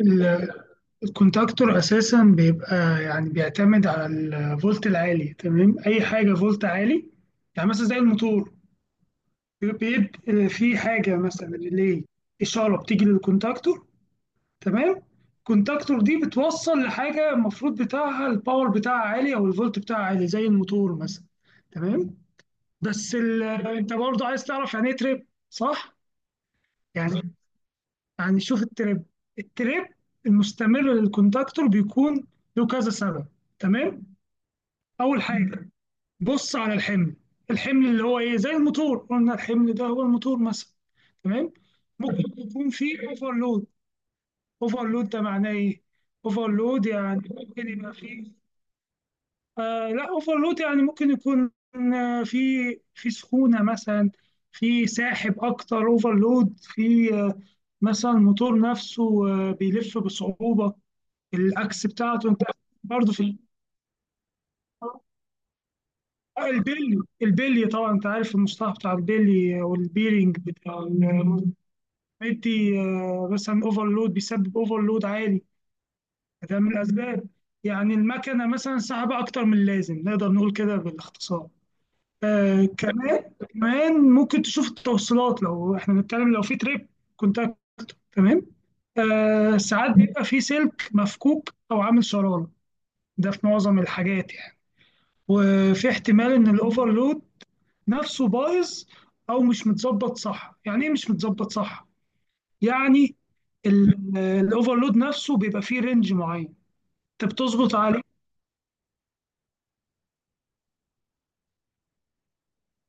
ال- الكونتاكتور اساسا بيبقى، يعني بيعتمد على الفولت العالي. تمام، اي حاجه فولت عالي، يعني مثلا زي الموتور، بيبقى في حاجه مثلا ريلي، اشاره بتيجي للكونتاكتور. تمام، الكونتاكتور دي بتوصل لحاجه المفروض بتاعها الباور بتاعها عالي او الفولت بتاعها عالي زي الموتور مثلا. تمام، بس انت برضه عايز تعرف يعني ايه تريب، صح؟ يعني يعني شوف التريب، التريب المستمر للكونتاكتور بيكون له كذا سبب. تمام، اول حاجه، بص على الحمل، الحمل اللي هو ايه، زي الموتور قلنا الحمل ده هو الموتور مثلا. تمام، ممكن يكون فيه اوفرلود. اوفرلود ده معناه ايه؟ اوفرلود يعني ممكن يبقى فيه، آه لا، اوفرلود يعني ممكن يكون، آه، في في سخونه مثلا، في ساحب اكتر، اوفرلود. في مثلا الموتور نفسه بيلف بصعوبه، الاكس بتاعته انت. برضه في البيلي، البيلي طبعا انت عارف المصطلح بتاع البيلي والبيرنج بتاع بيدي. مثلا اوفرلود بيسبب اوفرلود عالي. ده من الاسباب، يعني المكنه مثلا سحبه اكتر من اللازم، نقدر نقول كده بالاختصار. آه كمان، كمان ممكن تشوف التوصيلات. لو احنا بنتكلم لو في تريب كونتاكت، تمام، آه ساعات بيبقى في سلك مفكوك او عامل شراره. ده في معظم الحاجات يعني. وفي احتمال ان الاوفرلود نفسه بايظ او مش متظبط صح. يعني ايه مش متظبط صح؟ يعني الاوفرلود نفسه بيبقى فيه رينج معين، انت بتظبط عليه.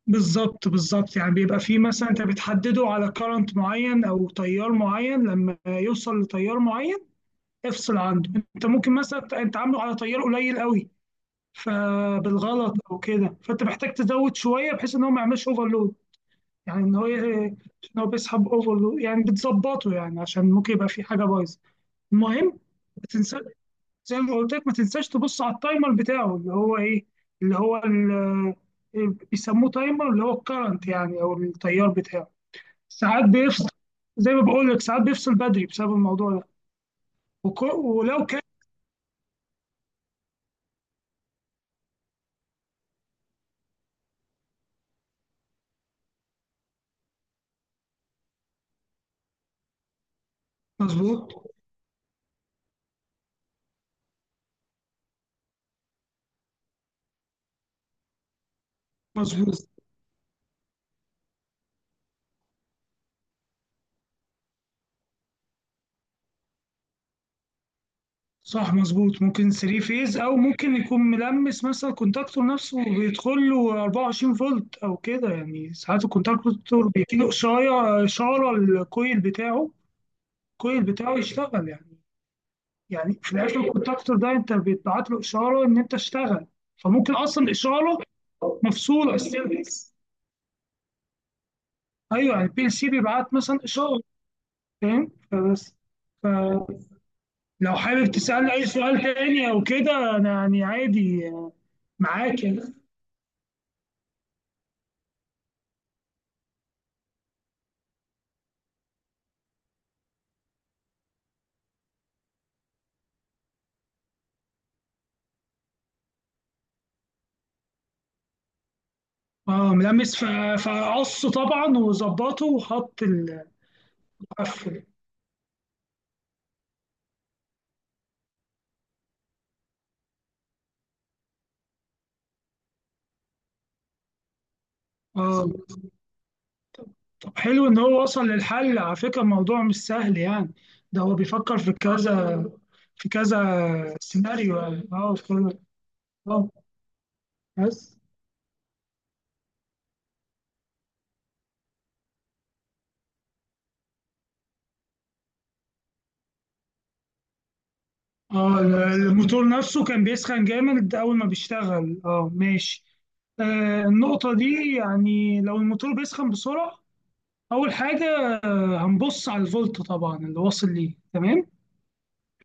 بالظبط بالظبط، يعني بيبقى فيه، مثلا انت بتحدده على كارنت معين او تيار معين، لما يوصل لتيار معين افصل عنده. انت ممكن مثلا انت عامله على تيار قليل قوي، فبالغلط او كده، فانت محتاج تزود شويه بحيث ان هو ما يعملش اوفرلود. يعني ان هو عشان هو بيسحب اوفر، يعني بتظبطه، يعني عشان ممكن يبقى في حاجه بايظه. المهم، ما تنسى، زي ما قلت لك ما تنساش تبص على التايمر بتاعه، اللي هو ايه، اللي هو إيه، بيسموه تايمر، اللي هو الكرنت يعني، او التيار بتاعه، ساعات بيفصل. زي ما بقول لك ساعات بيفصل بدري بسبب الموضوع ده. ولو كان مظبوط، مظبوط، صح، مظبوط. ممكن 3 فيز، او ممكن يكون ملمس مثلا. الكونتاكتور نفسه بيدخل له 24 فولت او كده يعني. ساعات الكونتاكتور بيجيله اشاره، اشاره الكويل بتاعه، الكويل بتاعه يشتغل يعني. يعني في الاخر الكونتاكتور ده انت بتبعت له اشاره ان انت اشتغل، فممكن اصلا الاشاره مفصوله السيرفيس. ايوه، يعني البي ال سي بيبعت مثلا اشاره. فاهم؟ فبس، لو حابب تسألني أي سؤال تاني أو كده أنا يعني عادي. معاك يعني. اه، ملمس، فقصه طبعا، وظبطه، وحط قفل. اه، طب حلو ان هو وصل للحل. على فكره الموضوع مش سهل يعني، ده هو بيفكر في كذا، في كذا سيناريو يعني. اه في كذا. اه بس، اه، الموتور نفسه كان بيسخن جامد اول ما بيشتغل، اه ماشي. آه النقطه دي، يعني لو الموتور بيسخن بسرعه، اول حاجه هنبص على الفولت طبعا اللي واصل ليه. تمام،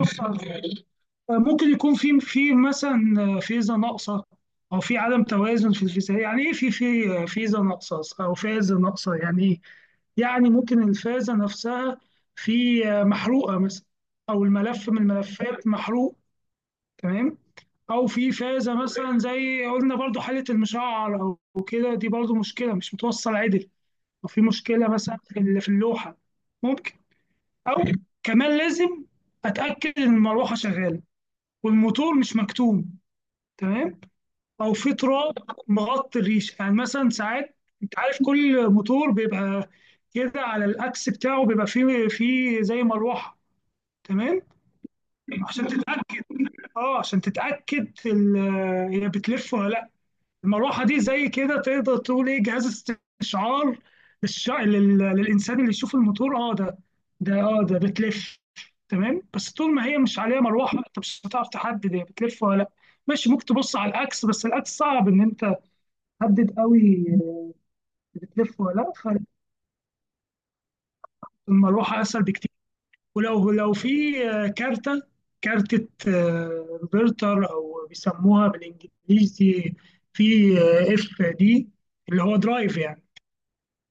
بص على الفولت. ممكن يكون في في مثلا فيزا ناقصه، او في عدم توازن في الفيزا. يعني ايه في فيزا ناقصه او فازه ناقصه؟ يعني ايه؟ يعني ممكن الفازه نفسها في محروقه مثلا، او الملف من الملفات محروق. تمام، او في فازه مثلا زي قلنا برضو حاله المشعر او كده، دي برضو مشكله، مش متوصل عدل. او في مشكله مثلا في في اللوحه ممكن. او كمان لازم اتاكد ان المروحه شغاله والموتور مش مكتوم. تمام، او في تراب مغطي الريشه يعني، مثلا ساعات. انت عارف كل موتور بيبقى كده على الاكس بتاعه بيبقى فيه زي مروحه. تمام، عشان تتاكد. اه عشان تتاكد هي بتلف ولا لا. المروحه دي زي كده تقدر تقول ايه، جهاز استشعار للانسان اللي يشوف الموتور اه ده، ده بتلف. تمام، بس طول ما هي مش عليها مروحه انت مش هتعرف تحدد هي بتلف ولا لا. ماشي، ممكن تبص على الاكس، بس الاكس صعب ان انت تحدد قوي بتلف ولا لا. فالمروحه اسهل بكتير. ولو لو في كارته، كارتة روبرتر، او بيسموها بالانجليزي، في اف دي، اللي هو درايف يعني،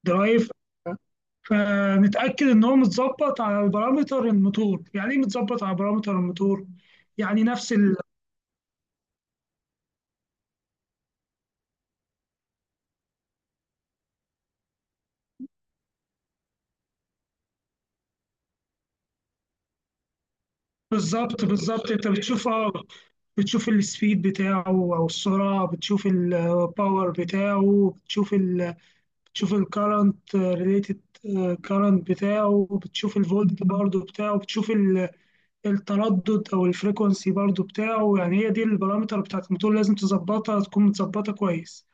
درايف، فنتأكد إن هو متظبط على البارامتر الموتور. يعني إيه متظبط على بارامتر الموتور؟ يعني نفس بالظبط بالظبط. أنت بتشوف اه، بتشوف السبيد بتاعه أو السرعة، بتشوف الباور بتاعه، بتشوف ال، بتشوف الكرنت ريليتد، كرنت بتاعه، بتشوف الفولت برضه بتاعه، بتشوف التردد أو الفريكونسي برضه بتاعه. يعني هي دي البارامتر بتاعت الموتور، لازم تظبطها تكون متظبطة كويس.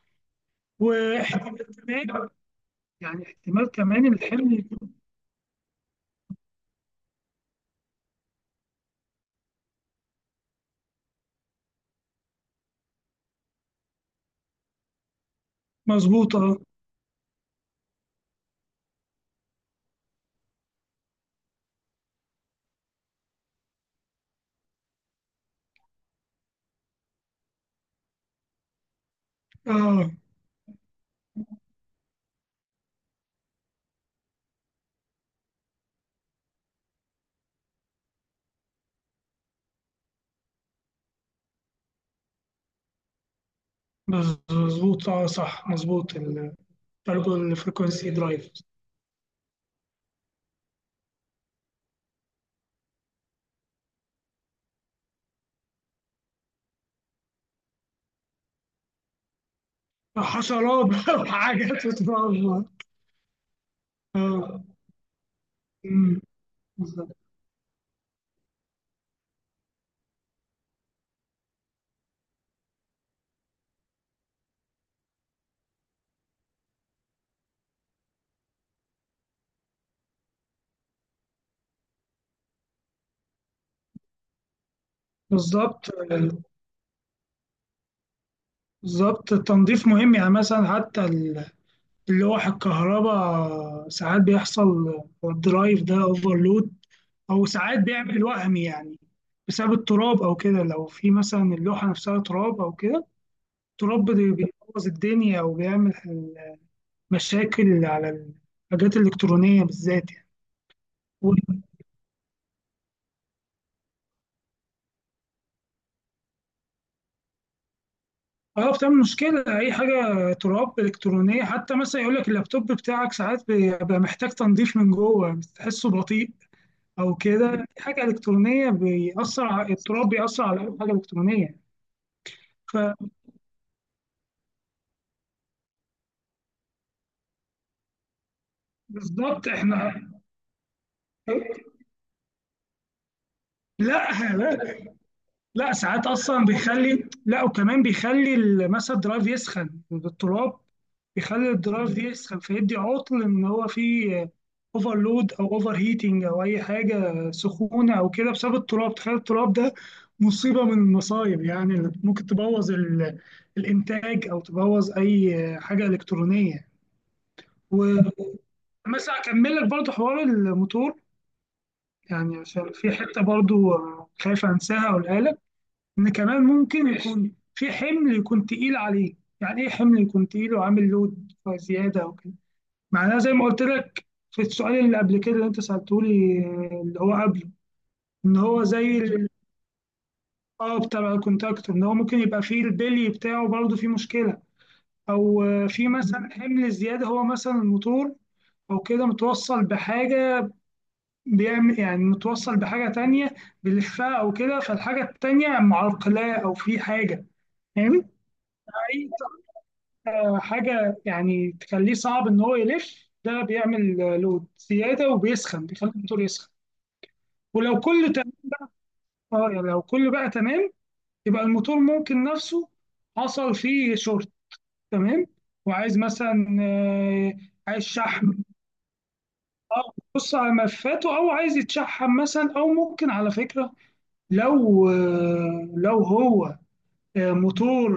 واحتمال كمان، يعني احتمال كمان الحمل يكون مظبوط. اه اه مظبوط، اه صح مظبوط، ترجو الفريكونسي درايف. حشرات بقى وحاجات بتتعب. اه أمم، بالظبط بالظبط، التنظيف مهم، يعني مثلا حتى اللوح الكهرباء ساعات بيحصل الدرايف ده اوفرلود، او ساعات بيعمل وهم يعني بسبب التراب او كده. لو في مثلا اللوحه نفسها تراب او كده، التراب بيبوظ الدنيا وبيعمل مشاكل على الحاجات الالكترونيه بالذات يعني. و، اه بتعمل مشكله. اي حاجه تراب الكترونيه، حتى مثلا يقول لك اللابتوب بتاعك ساعات بيبقى محتاج تنظيف من جوه، بتحسه بطيء او كده. حاجه الكترونيه، بيأثر، على التراب بيأثر على اي حاجه الكترونيه. فبالظبط احنا، لا لا لا، ساعات اصلا بيخلي، لا وكمان بيخلي مثلا الدرايف يسخن. التراب بيخلي الدرايف يسخن، فيدي عطل ان هو فيه اوفرلود او اوفر هيتنج او اي حاجه سخونه او كده بسبب التراب. تخيل التراب ده مصيبه من المصايب، يعني اللي ممكن تبوظ الانتاج او تبوظ اي حاجه الكترونيه. بس هكمل لك برضه حوار الموتور، يعني عشان في حتة برضه خايف أنساها أقولها لك. إن كمان ممكن ماشي يكون في حمل يكون تقيل عليه. يعني إيه حمل يكون تقيل وعامل لود زيادة أو كده؟ معناها زي ما قلت لك في السؤال اللي قبل كده اللي أنت سألته لي، اللي هو قبله، إن هو زي اه بتاع الكونتاكتور، إن هو ممكن يبقى فيه البلي بتاعه برضه فيه مشكلة، أو في مثلا حمل زيادة، هو مثلا الموتور أو كده متوصل بحاجة، بيعمل يعني متوصل بحاجة تانية بيلفها أو كده، فالحاجة التانية معرقلاه، أو في حاجة يعني أي حاجة يعني تخليه صعب إن هو يلف. ده بيعمل لود زيادة وبيسخن، بيخلي الموتور يسخن. ولو كله تمام، يعني لو كله بقى تمام، يبقى الموتور ممكن نفسه حصل فيه شورت. تمام، وعايز مثلا عايز شحم. اه بص على ملفاته، او عايز يتشحم مثلا. او ممكن على فكره لو لو هو موتور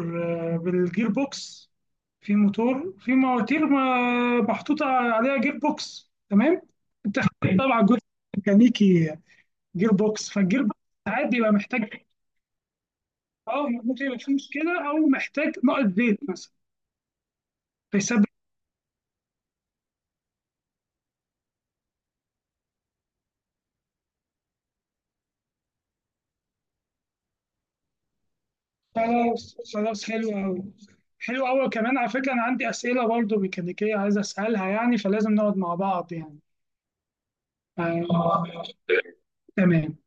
بالجير بوكس. في موتور، في مواتير محطوط عليها جير بوكس. تمام انت، طبعا جزء ميكانيكي جير بوكس، فالجير بوكس ساعات بيبقى محتاج. اه ممكن يبقى فيه مشكله او محتاج نقط زيت مثلا، فيسبب. خلاص خلاص، حلو قوي، حلو قوي. كمان على فكره انا عندي اسئله برضو ميكانيكيه عايز اسالها يعني، فلازم نقعد مع بعض يعني. آه، تمام.